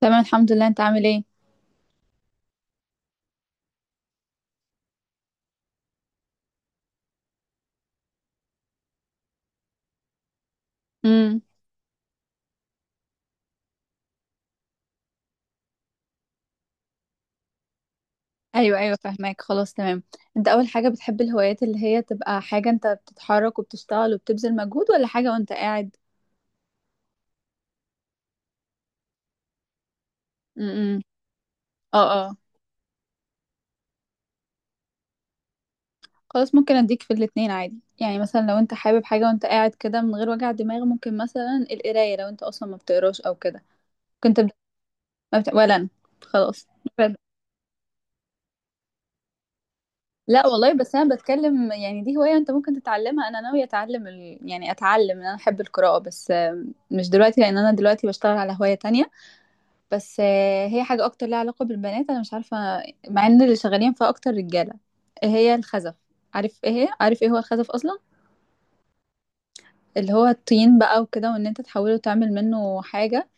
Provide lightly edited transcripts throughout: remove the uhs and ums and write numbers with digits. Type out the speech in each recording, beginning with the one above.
تمام، الحمد لله. انت عامل ايه؟ امم. ايوه، ايوه، فاهماك. خلاص، تمام. انت، اول حاجه، بتحب الهوايات اللي هي تبقى حاجه انت بتتحرك وبتشتغل وبتبذل مجهود، ولا حاجه وانت قاعد؟ امم. اه، اه. خلاص، ممكن اديك في الاتنين عادي. يعني مثلا لو انت حابب حاجه وانت قاعد كده من غير وجع دماغ، ممكن مثلا القرايه، لو انت اصلا ما بتقراش او كده. كنت بت... ما بت... ولا انا. خلاص. لا والله، بس انا بتكلم. يعني دي هواية انت ممكن تتعلمها. انا ناوية يعني اتعلم ان انا احب القراءة، بس مش دلوقتي لان انا دلوقتي بشتغل على هواية تانية. بس هي حاجة اكتر لها علاقة بالبنات. انا مش عارفة. مع ان اللي شغالين فيها اكتر رجالة. إيه هي؟ الخزف. عارف ايه هي؟ عارف ايه هو الخزف اصلا؟ اللي هو الطين بقى وكده، وان انت تحوله تعمل منه حاجة.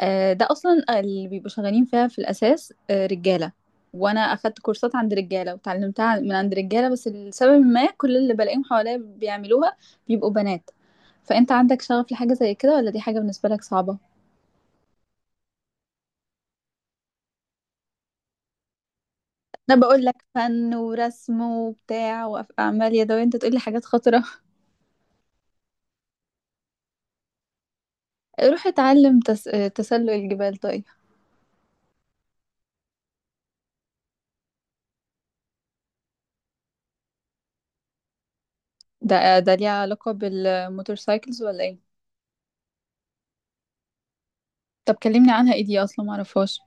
ده اصلا اللي بيبقوا شغالين فيها في الاساس، رجاله. وانا اخدت كورسات عند رجاله وتعلمتها من عند رجاله، بس لسبب ما كل اللي بلاقيهم حواليا بيعملوها بيبقوا بنات. فانت عندك شغف لحاجه زي كده، ولا دي حاجه بالنسبه لك صعبه؟ انا بقول لك فن ورسم وبتاع واعمال يدويه، انت تقول لي حاجات خطره. روح اتعلم تس... آه، تسلق الجبال. طيب. ده ليه علاقه بالموتور سايكلز ولا ايه؟ طب كلمني عنها، ايه دي اصلا؟ ما اعرفهاش.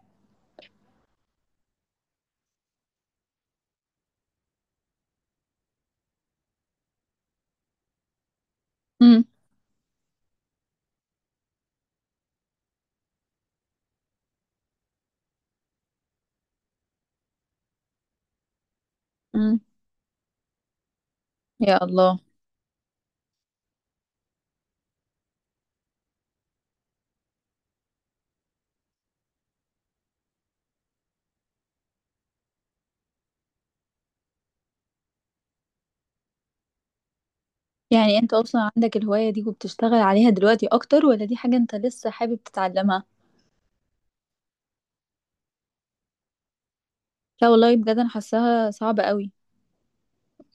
امم. امم. يا الله. يعني انت اصلا عندك الهواية دي وبتشتغل عليها دلوقتي اكتر، ولا دي حاجة انت لسه حابب تتعلمها؟ لا والله بجد، انا حاساها صعبة قوي.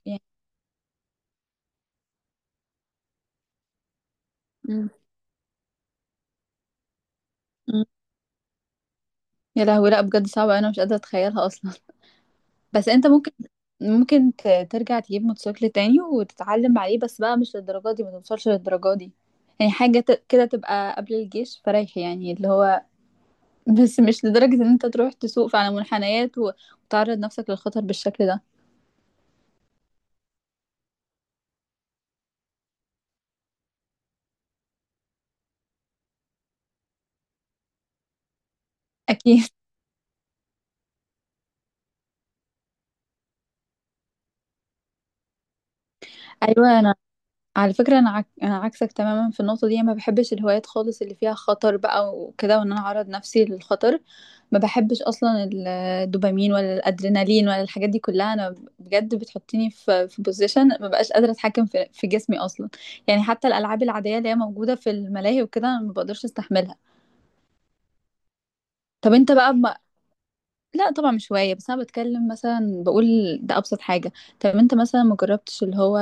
يعني. مم. مم. يا لهوي، لا بجد صعبة. انا مش قادرة اتخيلها اصلا. بس انت ممكن ترجع تجيب موتوسيكل تاني وتتعلم عليه، بس بقى مش للدرجة دي، ما توصلش للدرجة دي. يعني حاجة كده تبقى قبل الجيش فريح، يعني اللي هو. بس مش لدرجة ان انت تروح تسوق على منحنيات و- وتعرض نفسك للخطر بالشكل ده. اكيد. ايوه. على فكرة، أنا عكسك تماما في النقطة دي. ما بحبش الهوايات خالص اللي فيها خطر بقى وكده، وإن أنا أعرض نفسي للخطر. ما بحبش أصلا ال- الدوبامين ولا الأدرينالين ولا الحاجات دي كلها. أنا بجد بتحطيني في بوزيشن، ما بقاش قادرة أتحكم في جسمي أصلا. يعني حتى الألعاب العادية اللي هي موجودة في الملاهي وكده أنا ما بقدرش أستحملها. طب أنت بقى ما... لا طبعا، مش هواية. بس أنا بتكلم، مثلا بقول ده أبسط حاجة. طب أنت مثلا ما جربتش اللي هو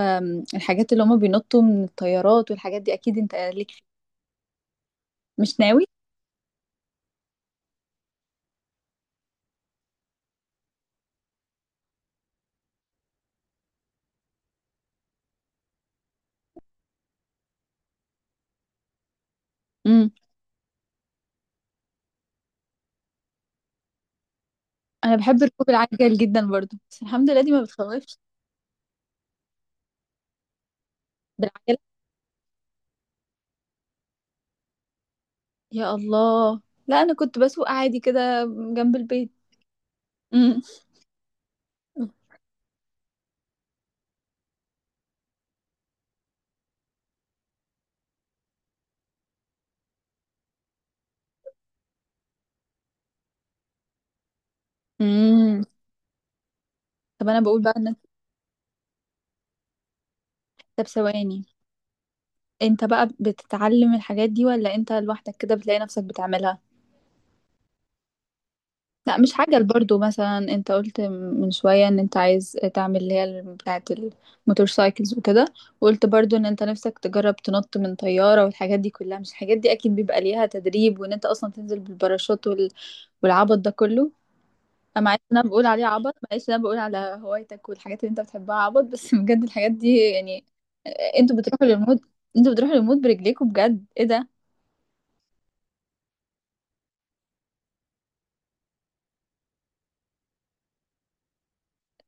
الحاجات اللي هما بينطوا من الطيارات والحاجات دي؟ أكيد أنت ليك. مش ناوي؟ امم. انا بحب ركوب العجل جدا برضو، بس الحمد لله دي ما بتخوفش. بالعجله؟ يا الله. لا، انا كنت بسوق عادي كده، جنب البيت. امم. امم. طب انا بقول بقى ان. طب ثواني، انت بقى بتتعلم الحاجات دي، ولا انت لوحدك كده بتلاقي نفسك بتعملها؟ لا مش عجل، برضو مثلا انت قلت من شوية ان انت عايز تعمل اللي هي بتاعة الموتور سايكلز وكده. وقلت برضو ان انت نفسك تجرب تنط من طيارة والحاجات دي كلها. مش الحاجات دي اكيد بيبقى ليها تدريب، وان انت اصلا تنزل بالباراشوت والعبط ده كله. انا، معلش إن انا بقول عليه عبط، معلش إن انا بقول على هوايتك والحاجات اللي انت بتحبها عبط، بس. بجد الحاجات دي يعني. انتوا بتروحوا للمود، انتوا بتروحوا للمود برجليكوا، بجد ايه ده؟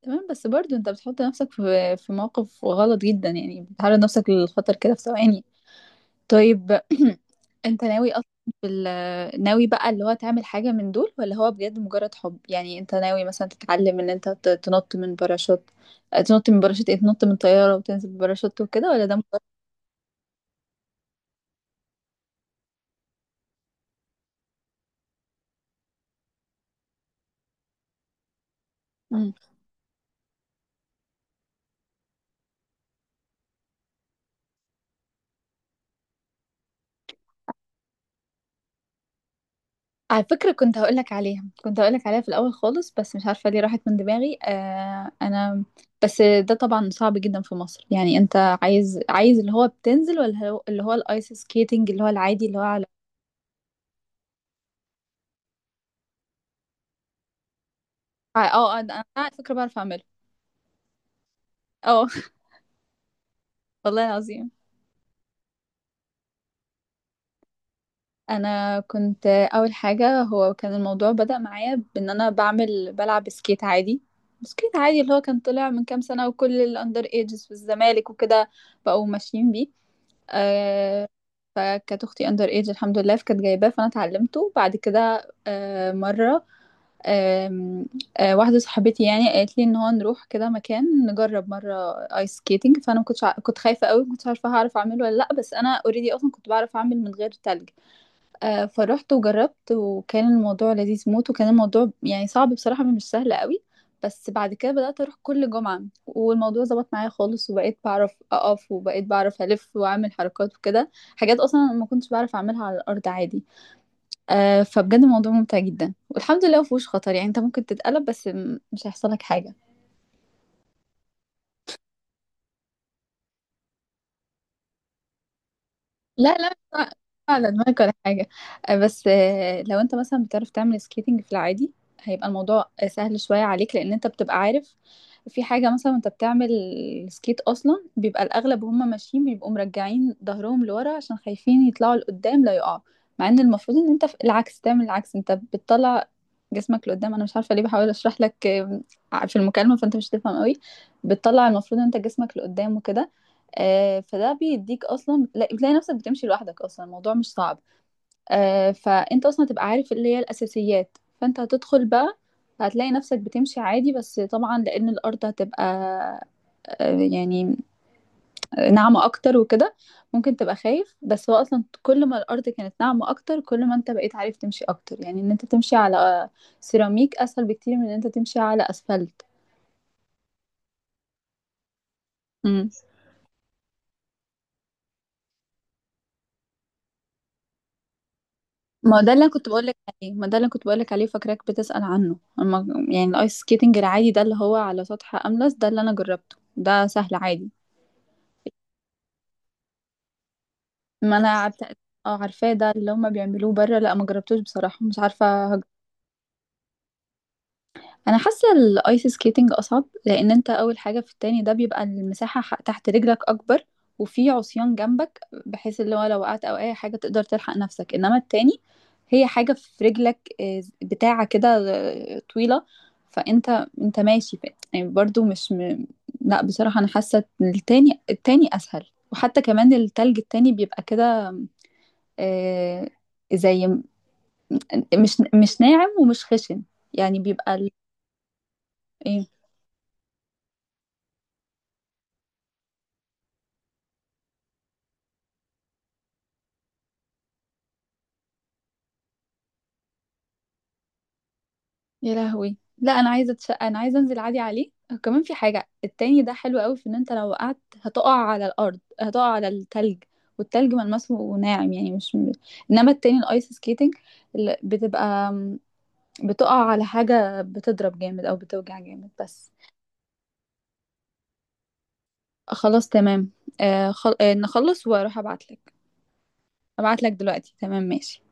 تمام، بس برضو انت بتحط نفسك في موقف غلط جدا، يعني بتعرض نفسك للخطر كده في ثواني. طيب. انت ناوي اصلا ناوي بقى اللي هو تعمل حاجة من دول، ولا هو بجد مجرد حب، يعني انت ناوي مثلا تتعلم ان انت تنط من باراشوت. اه، تنط من باراشوت، ايه؟ تنط من طيارة وتنزل بباراشوت وكده، ولا ده مجرد. على فكرة، كنت هقولك عليها في الأول خالص، بس مش عارفة ليه راحت من دماغي. أنا. بس ده طبعا صعب جدا في مصر، يعني أنت عايز اللي هو بتنزل، ولا اللي هو الآيس سكيتنج، اللي هو العادي، اللي هو على. اه، اه. أنا على فكرة بعرف أعمله. اه. والله العظيم. أنا كنت أول حاجة، هو كان الموضوع بدأ معايا بإن أنا بلعب سكيت عادي. سكيت عادي اللي هو كان طلع من كام سنة، وكل الأندر ايجز في الزمالك وكده بقوا ماشيين بيه. آه، فكانت اختي اندر ايج، الحمد لله، فكانت جايباه، فانا اتعلمته بعد كده، مره. آم، واحده صاحبتي يعني قالت لي ان هو نروح كده مكان، نجرب مره ايس سكيتنج. فانا ما كنتش ع- كنت خايفه قوي، ما كنتش عارفه هعرف اعمله ولا لا، بس انا اوريدي اصلا كنت بعرف اعمل من غير تلج. فروحت وجربت، وكان الموضوع لذيذ موت، وكان الموضوع يعني صعب بصراحة، مش سهل قوي. بس بعد كده بدأت أروح كل جمعة، والموضوع ظبط معايا خالص، وبقيت بعرف أقف وبقيت بعرف ألف وأعمل حركات وكده. حاجات أصلا أنا ما كنتش بعرف أعملها على الأرض عادي. فبجد الموضوع ممتع جدا، والحمد لله مفهوش خطر. يعني أنت ممكن تتقلب، بس مش هيحصل لك حاجة. لا، لا، مش على دماغك ولا حاجة. بس لو انت مثلا بتعرف تعمل سكيتنج في العادي، هيبقى الموضوع، سهل شوية عليك، لأن انت بتبقى عارف. في حاجة مثلا انت بتعمل سكيت، أصلا بيبقى الأغلب وهم ماشيين بيبقوا مرجعين ظهرهم لورا عشان خايفين يطلعوا لقدام لا يقعوا. مع ان المفروض ان انت العكس، تعمل العكس. انت بتطلع جسمك لقدام. انا مش عارفة ليه، بحاول اشرح لك في المكالمة، فانت مش هتفهم قوي. بتطلع المفروض ان انت جسمك لقدام وكده. فده بيديك اصلا بتلاقي نفسك بتمشي لوحدك. اصلا الموضوع مش صعب. فانت اصلا تبقى عارف اللي هي الاساسيات، فانت هتدخل بقى، هتلاقي نفسك بتمشي عادي. بس طبعا لان الارض هتبقى، يعني، ناعمه اكتر وكده، ممكن تبقى خايف. بس هو اصلا كل ما الارض كانت ناعمه اكتر، كل ما انت بقيت عارف تمشي اكتر. يعني ان انت تمشي على سيراميك اسهل بكتير من ان انت تمشي على اسفلت. ما ده اللي أنا كنت بقولك عليه، ما ده اللي أنا كنت بقولك عليه، فاكراك بتسأل عنه. أما يعني الايس سكيتنج العادي، ده اللي هو على سطح أملس، ده اللي أنا جربته، ده سهل عادي. ما أنا عارفة. اه، عارفاه. ده اللي هما بيعملوه بره. لا، ما جربتوش بصراحة، مش عارفة. انا حاسه الايس سكيتنج اصعب، لان انت اول حاجه في التاني ده بيبقى المساحه تحت رجلك اكبر، وفي عصيان جنبك، بحيث اللي هو لو وقعت او اي حاجه تقدر تلحق نفسك. انما التاني، هي حاجه في رجلك، بتاعه كده، طويله. فانت ماشي، يعني برضو، مش. لا بصراحه، انا حاسه إن التاني اسهل. وحتى كمان التلج التاني بيبقى كده، آه، زي مش ناعم ومش خشن. يعني بيبقى ايه. يا لهوي، لا انا عايزه اتشقى، انا عايزه انزل عادي عليه. كمان في حاجه التاني ده حلو قوي، في ان انت لو وقعت هتقع على الارض، هتقع على التلج. والتلج ملمسه ناعم، يعني مش. انما التاني الايس سكيتنج، اللي بتبقى، بتقع على حاجه، بتضرب جامد او بتوجع جامد بس. خلاص، تمام. آه خل... آه نخلص واروح ابعتلك. ابعتلك دلوقتي، تمام، ماشي.